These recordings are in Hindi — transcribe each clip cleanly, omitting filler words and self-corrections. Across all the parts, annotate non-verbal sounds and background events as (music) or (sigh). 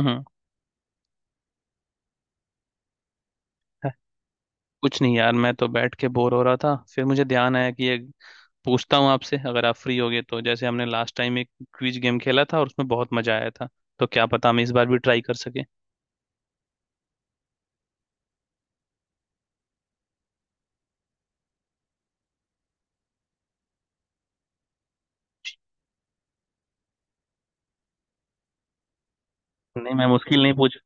हम्म। है- कुछ नहीं यार, मैं तो बैठ के बोर हो रहा था। फिर मुझे ध्यान आया कि ये पूछता हूँ आपसे, अगर आप फ्री होगे तो जैसे हमने लास्ट टाइम एक क्विज गेम खेला था और उसमें बहुत मजा आया था, तो क्या पता हम इस बार भी ट्राई कर सके। नहीं मैं मुश्किल नहीं पूछ,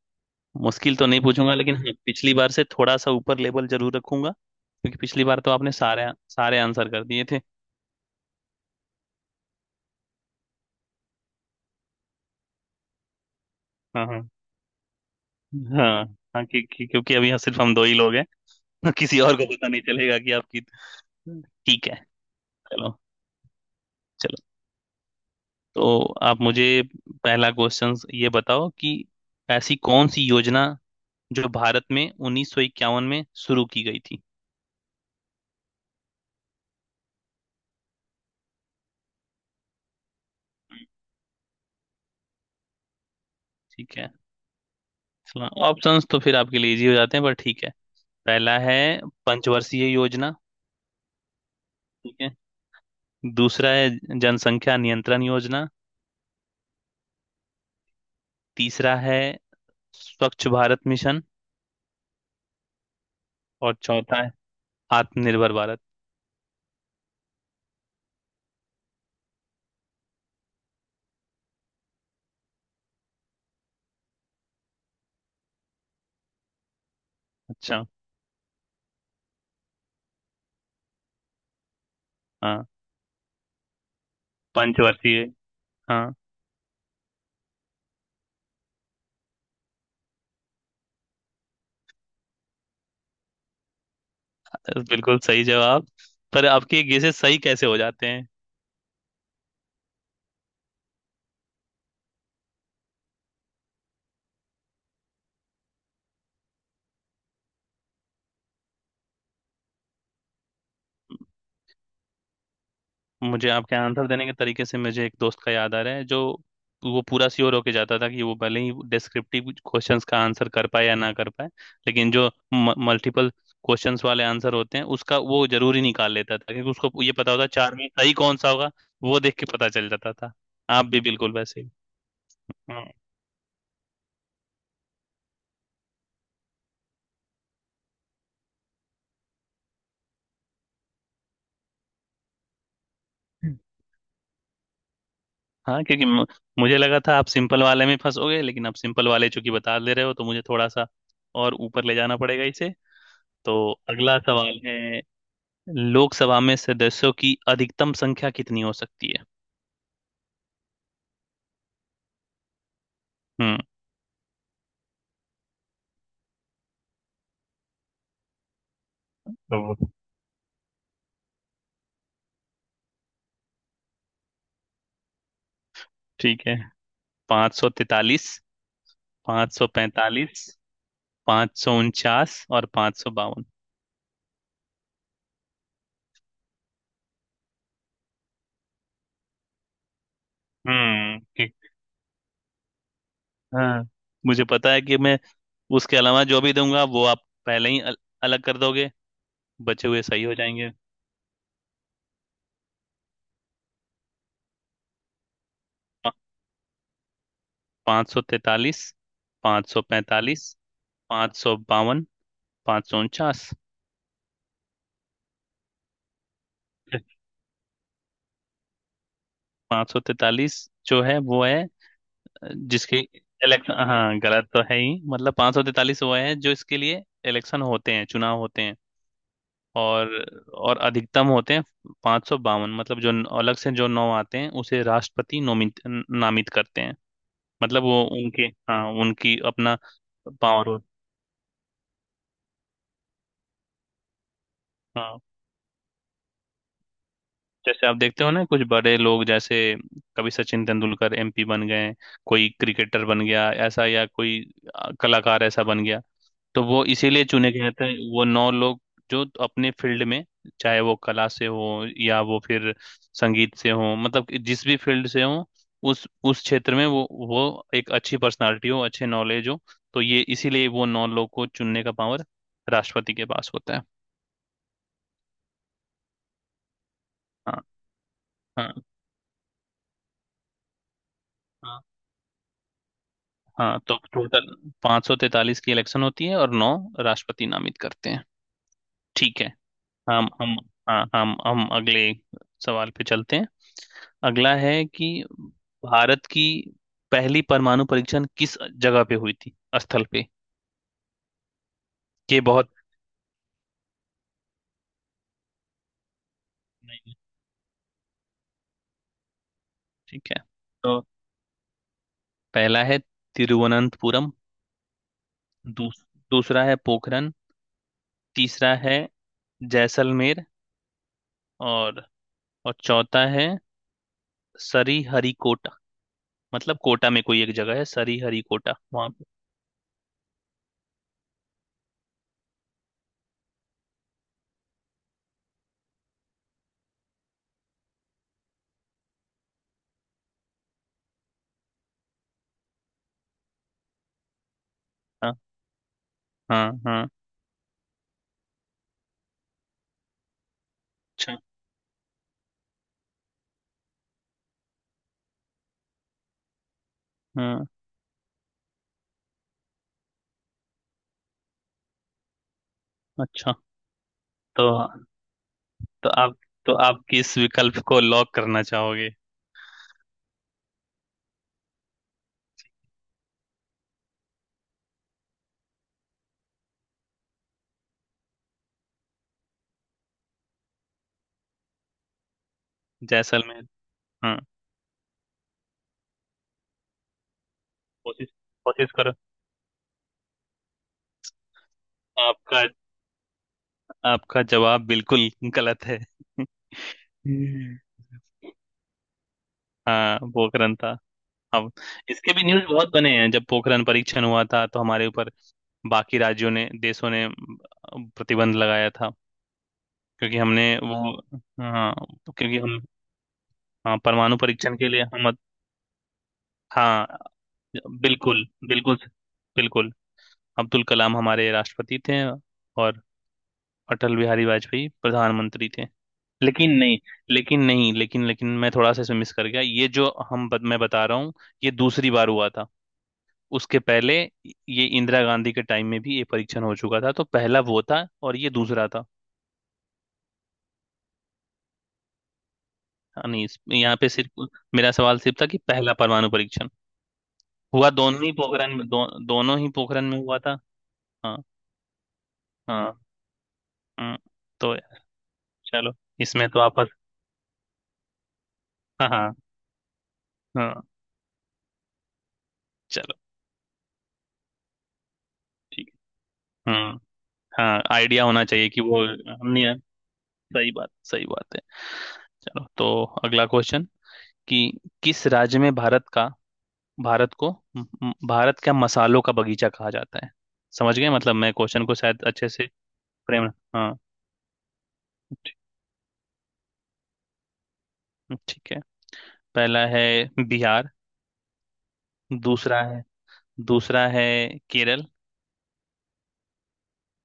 मुश्किल तो नहीं पूछूंगा, लेकिन हाँ पिछली बार से थोड़ा सा ऊपर लेवल जरूर रखूंगा, क्योंकि पिछली बार तो आपने सारे सारे आंसर कर दिए थे। हाँ हाँ। हाँ। हाँ, क्योंकि अभी यहाँ सिर्फ हम दो ही लोग हैं। (laughs) किसी और को पता नहीं चलेगा कि ठीक है। चलो। चलो। तो आप मुझे पहला क्वेश्चन ये बताओ कि ऐसी कौन सी योजना जो भारत में 1951 में शुरू की गई थी? ठीक है। ऑप्शंस तो फिर आपके लिए इजी हो जाते हैं, पर ठीक है। पहला है पंचवर्षीय योजना। ठीक है। दूसरा है जनसंख्या नियंत्रण योजना। तीसरा है स्वच्छ भारत मिशन। और चौथा है आत्मनिर्भर भारत। अच्छा। हाँ, पंचवर्षीय। हाँ, बिल्कुल सही जवाब। पर आपके गेसेस सही कैसे हो जाते हैं? मुझे आपके आंसर देने के तरीके से मुझे एक दोस्त का याद आ रहा है, जो वो पूरा श्योर होके जाता था कि वो भले ही डिस्क्रिप्टिव क्वेश्चंस का आंसर कर पाए या ना कर पाए, लेकिन जो मल्टीपल क्वेश्चंस वाले आंसर होते हैं उसका वो जरूर ही निकाल लेता था, क्योंकि उसको ये पता होता चार में सही कौन सा होगा। वो देख के पता चल जाता था। आप भी बिल्कुल वैसे ही। हाँ। हाँ, मुझे लगा था आप सिंपल वाले में फंसोगे, लेकिन आप सिंपल वाले चूंकि बता दे रहे हो तो मुझे थोड़ा सा और ऊपर ले जाना पड़ेगा इसे। तो अगला सवाल है, लोकसभा में सदस्यों की अधिकतम संख्या कितनी हो सकती है? हम्म। तो ठीक है। पाँच सौ तैतालीस, 545, 549 और 552। हम्म, ठीक। हाँ मुझे पता है कि मैं उसके अलावा जो भी दूंगा वो आप पहले ही अलग कर दोगे, बचे हुए सही हो जाएंगे। 543, पाँच सौ पैंतालीस, 552, 549। 543 जो है वो है। जिसकी इलेक्शन, हाँ, गलत तो है ही, मतलब 543 वो है जो इसके लिए इलेक्शन होते हैं, चुनाव होते हैं। और और अधिकतम होते हैं 552, मतलब जो अलग से जो नौ आते हैं उसे राष्ट्रपति नोमित न- नामित करते हैं। मतलब वो उनके, हाँ, उनकी अपना पावर हो। हाँ, जैसे आप देखते हो ना, कुछ बड़े लोग, जैसे कभी सचिन तेंदुलकर एमपी बन गए, कोई क्रिकेटर बन गया ऐसा, या कोई कलाकार ऐसा बन गया। तो वो इसीलिए चुने गए थे वो नौ लोग, जो अपने फील्ड में, चाहे वो कला से हो, या वो फिर संगीत से हो, मतलब कि जिस भी फील्ड से हो, उस क्षेत्र में वो एक अच्छी पर्सनालिटी हो, अच्छे नॉलेज हो। तो ये इसीलिए वो नौ लोग को चुनने का पावर राष्ट्रपति के पास होता है। हाँ हाँ। हाँ हाँ, तो टोटल 543 की इलेक्शन होती है और नौ राष्ट्रपति नामित करते हैं। ठीक है। हम हम। हाँ, हम अगले सवाल पे चलते हैं। अगला है कि भारत की पहली परमाणु परीक्षण किस जगह पे हुई थी, स्थल पे? ये बहुत। नहीं, ठीक है। तो पहला है तिरुवनंतपुरम। दूस, दूसरा है पोखरन। तीसरा है जैसलमेर। और और चौथा है सरीहरिकोटा, मतलब कोटा में कोई एक जगह है सरीहरिकोटा वहां पे। हाँ हाँ हाँ। अच्छा। हाँ, अच्छा तो तो आप तो आप किस विकल्प को लॉक करना चाहोगे? जैसलमेर। हाँ, कोशिश कोशिश करो। आपका आपका जवाब बिल्कुल गलत है। हम्म। हाँ, पोखरण था। अब इसके भी न्यूज़ बहुत बने हैं, जब पोखरण परीक्षण हुआ था तो हमारे ऊपर बाकी राज्यों ने, देशों ने प्रतिबंध लगाया था, क्योंकि हमने वो, हाँ, क्योंकि हम, हाँ, परमाणु परीक्षण के लिए हम, हाँ, बिल्कुल बिल्कुल। बिल्कुल। अब्दुल कलाम हमारे राष्ट्रपति थे, और अटल बिहारी वाजपेयी प्रधानमंत्री थे। लेकिन नहीं, लेकिन नहीं, लेकिन लेकिन मैं थोड़ा सा इसमें मिस कर गया। ये जो हम बत, मैं बता रहा हूँ। ये दूसरी बार हुआ था। उसके पहले ये इंदिरा गांधी के टाइम में भी ये परीक्षण हो चुका था, तो पहला वो था और ये दूसरा था। हाँ, नहीं, यहाँ पे सिर्फ मेरा सवाल सिर्फ था कि पहला परमाणु परीक्षण हुआ, दोनों ही पोखरण में, दोनों ही पोखरण में हुआ था। हाँ हाँ। हम्म, तो चलो इसमें तो आप। हाँ हाँ। हाँ, चलो ठीक है। हम्म। हाँ, आइडिया होना चाहिए कि वो हमने। सही बात, सही बात है। चलो, तो अगला क्वेश्चन कि किस राज्य में भारत का भारत को म- म- भारत का मसालों का बगीचा कहा जाता है? समझ गए, मतलब मैं क्वेश्चन को शायद अच्छे से फ्रेम। हाँ। ठी- ठीक है। पहला है बिहार। दूसरा है दूसरा है केरल।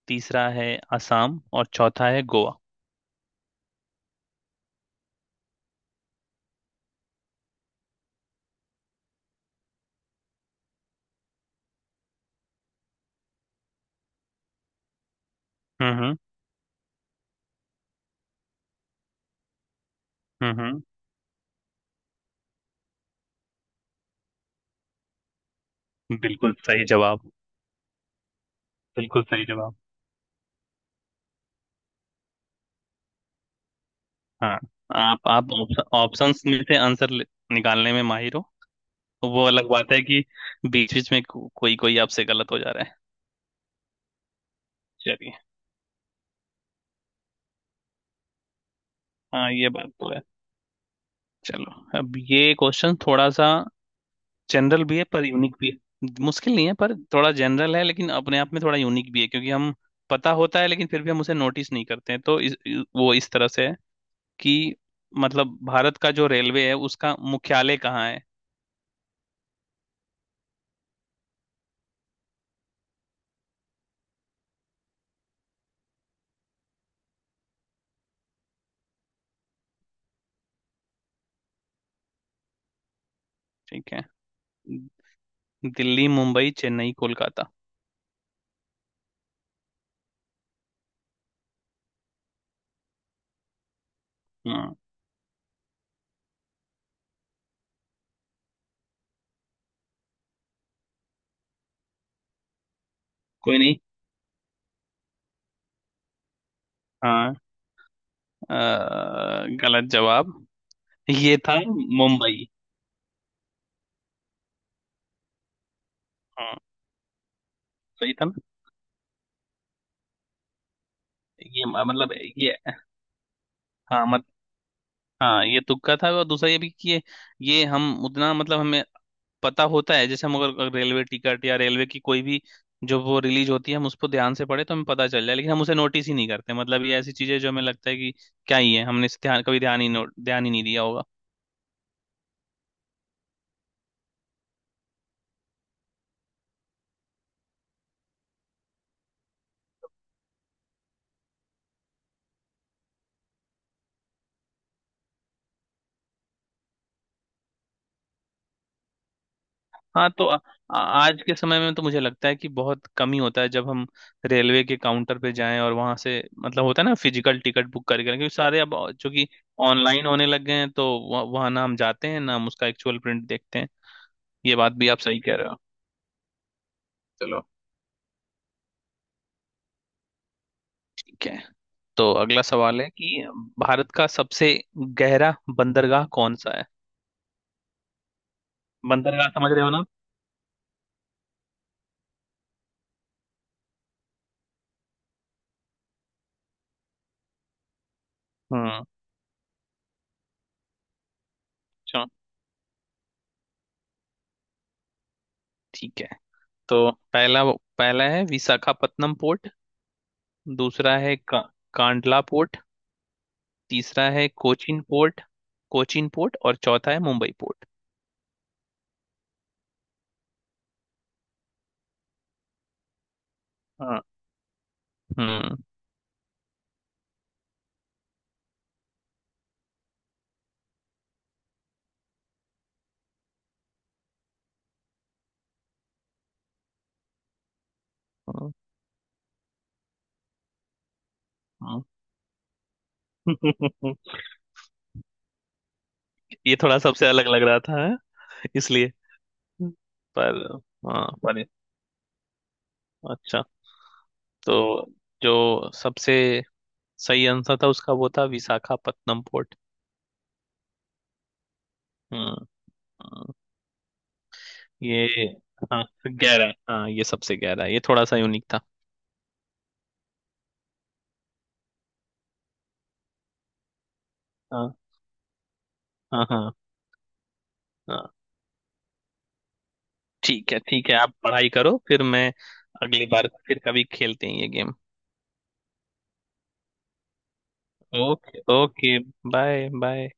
तीसरा है असम, और चौथा है गोवा। हम्म। हम्म। बिल्कुल सही जवाब। बिल्कुल सही जवाब। हाँ, आप ऑप्शन ऑप्शंस में से आंसर निकालने में माहिर हो। तो वो अलग बात है कि बीच बीच में कोई कोई आपसे गलत हो जा रहा है। चलिए। हाँ, ये बात तो है। चलो, अब ये क्वेश्चन थोड़ा सा जनरल भी है, पर यूनिक भी है, मुश्किल नहीं है पर थोड़ा जनरल है, लेकिन अपने आप में थोड़ा यूनिक भी है, क्योंकि हम पता होता है लेकिन फिर भी हम उसे नोटिस नहीं करते हैं, तो वो इस तरह से है कि, मतलब भारत का जो रेलवे है उसका मुख्यालय कहाँ है? ठीक है। दिल्ली, मुंबई, चेन्नई, कोलकाता? हाँ, कोई नहीं। हाँ, अ, गलत जवाब। ये था मुंबई। हाँ, सही था ना। मतलब ये, हाँ। मत हाँ, ये तुक्का था, और दूसरा ये भी कि ये हम उतना, मतलब हमें पता होता है, जैसे हम अगर रेलवे टिकट या रेलवे की कोई भी जो वो रिलीज होती है हम उसको ध्यान से पढ़े तो हमें पता चल जाए, लेकिन हम उसे नोटिस ही नहीं करते। मतलब ये ऐसी चीजें जो हमें लगता है कि क्या ही है, हमने इस ध्यान कभी ध्यान ही ध्यान ही नहीं दिया होगा। हाँ, तो आ, आ- आज के समय में तो मुझे लगता है कि बहुत कम ही होता है जब हम रेलवे के काउंटर पे जाएं और वहां से, मतलब होता है ना, फिजिकल टिकट बुक करके, क्योंकि सारे अब चूंकि ऑनलाइन होने लग गए हैं, तो वहाँ ना हम जाते हैं, ना हम उसका एक्चुअल प्रिंट देखते हैं। ये बात भी आप सही कह रहे हो। चलो, ठीक है। तो अगला सवाल है कि भारत का सबसे गहरा बंदरगाह कौन सा है? बंदरगाह समझ रहे हो ना। हम्म। चलो, ठीक है। तो पहला पहला है विशाखापत्तनम पोर्ट। दूसरा है कांडला पोर्ट। तीसरा है कोचिन पोर्ट। और चौथा है मुंबई पोर्ट। हाँ। हम्म हम्म। हम्म। (laughs) ये थोड़ा सबसे अलग लग रहा था, है? इसलिए। पर हाँ, पर अच्छा, तो जो सबसे सही आंसर था उसका वो था विशाखापत्तनम पोर्ट। हम्म हम्म। ये, हाँ, गहरा, हाँ, ये सबसे गहरा है। ये थोड़ा सा यूनिक था। हाँ हाँ। हाँ हाँ। ठीक है, ठीक है, आप पढ़ाई करो, फिर मैं अगली बार फिर कभी खेलते हैं ये game. Okay okay. Bye bye.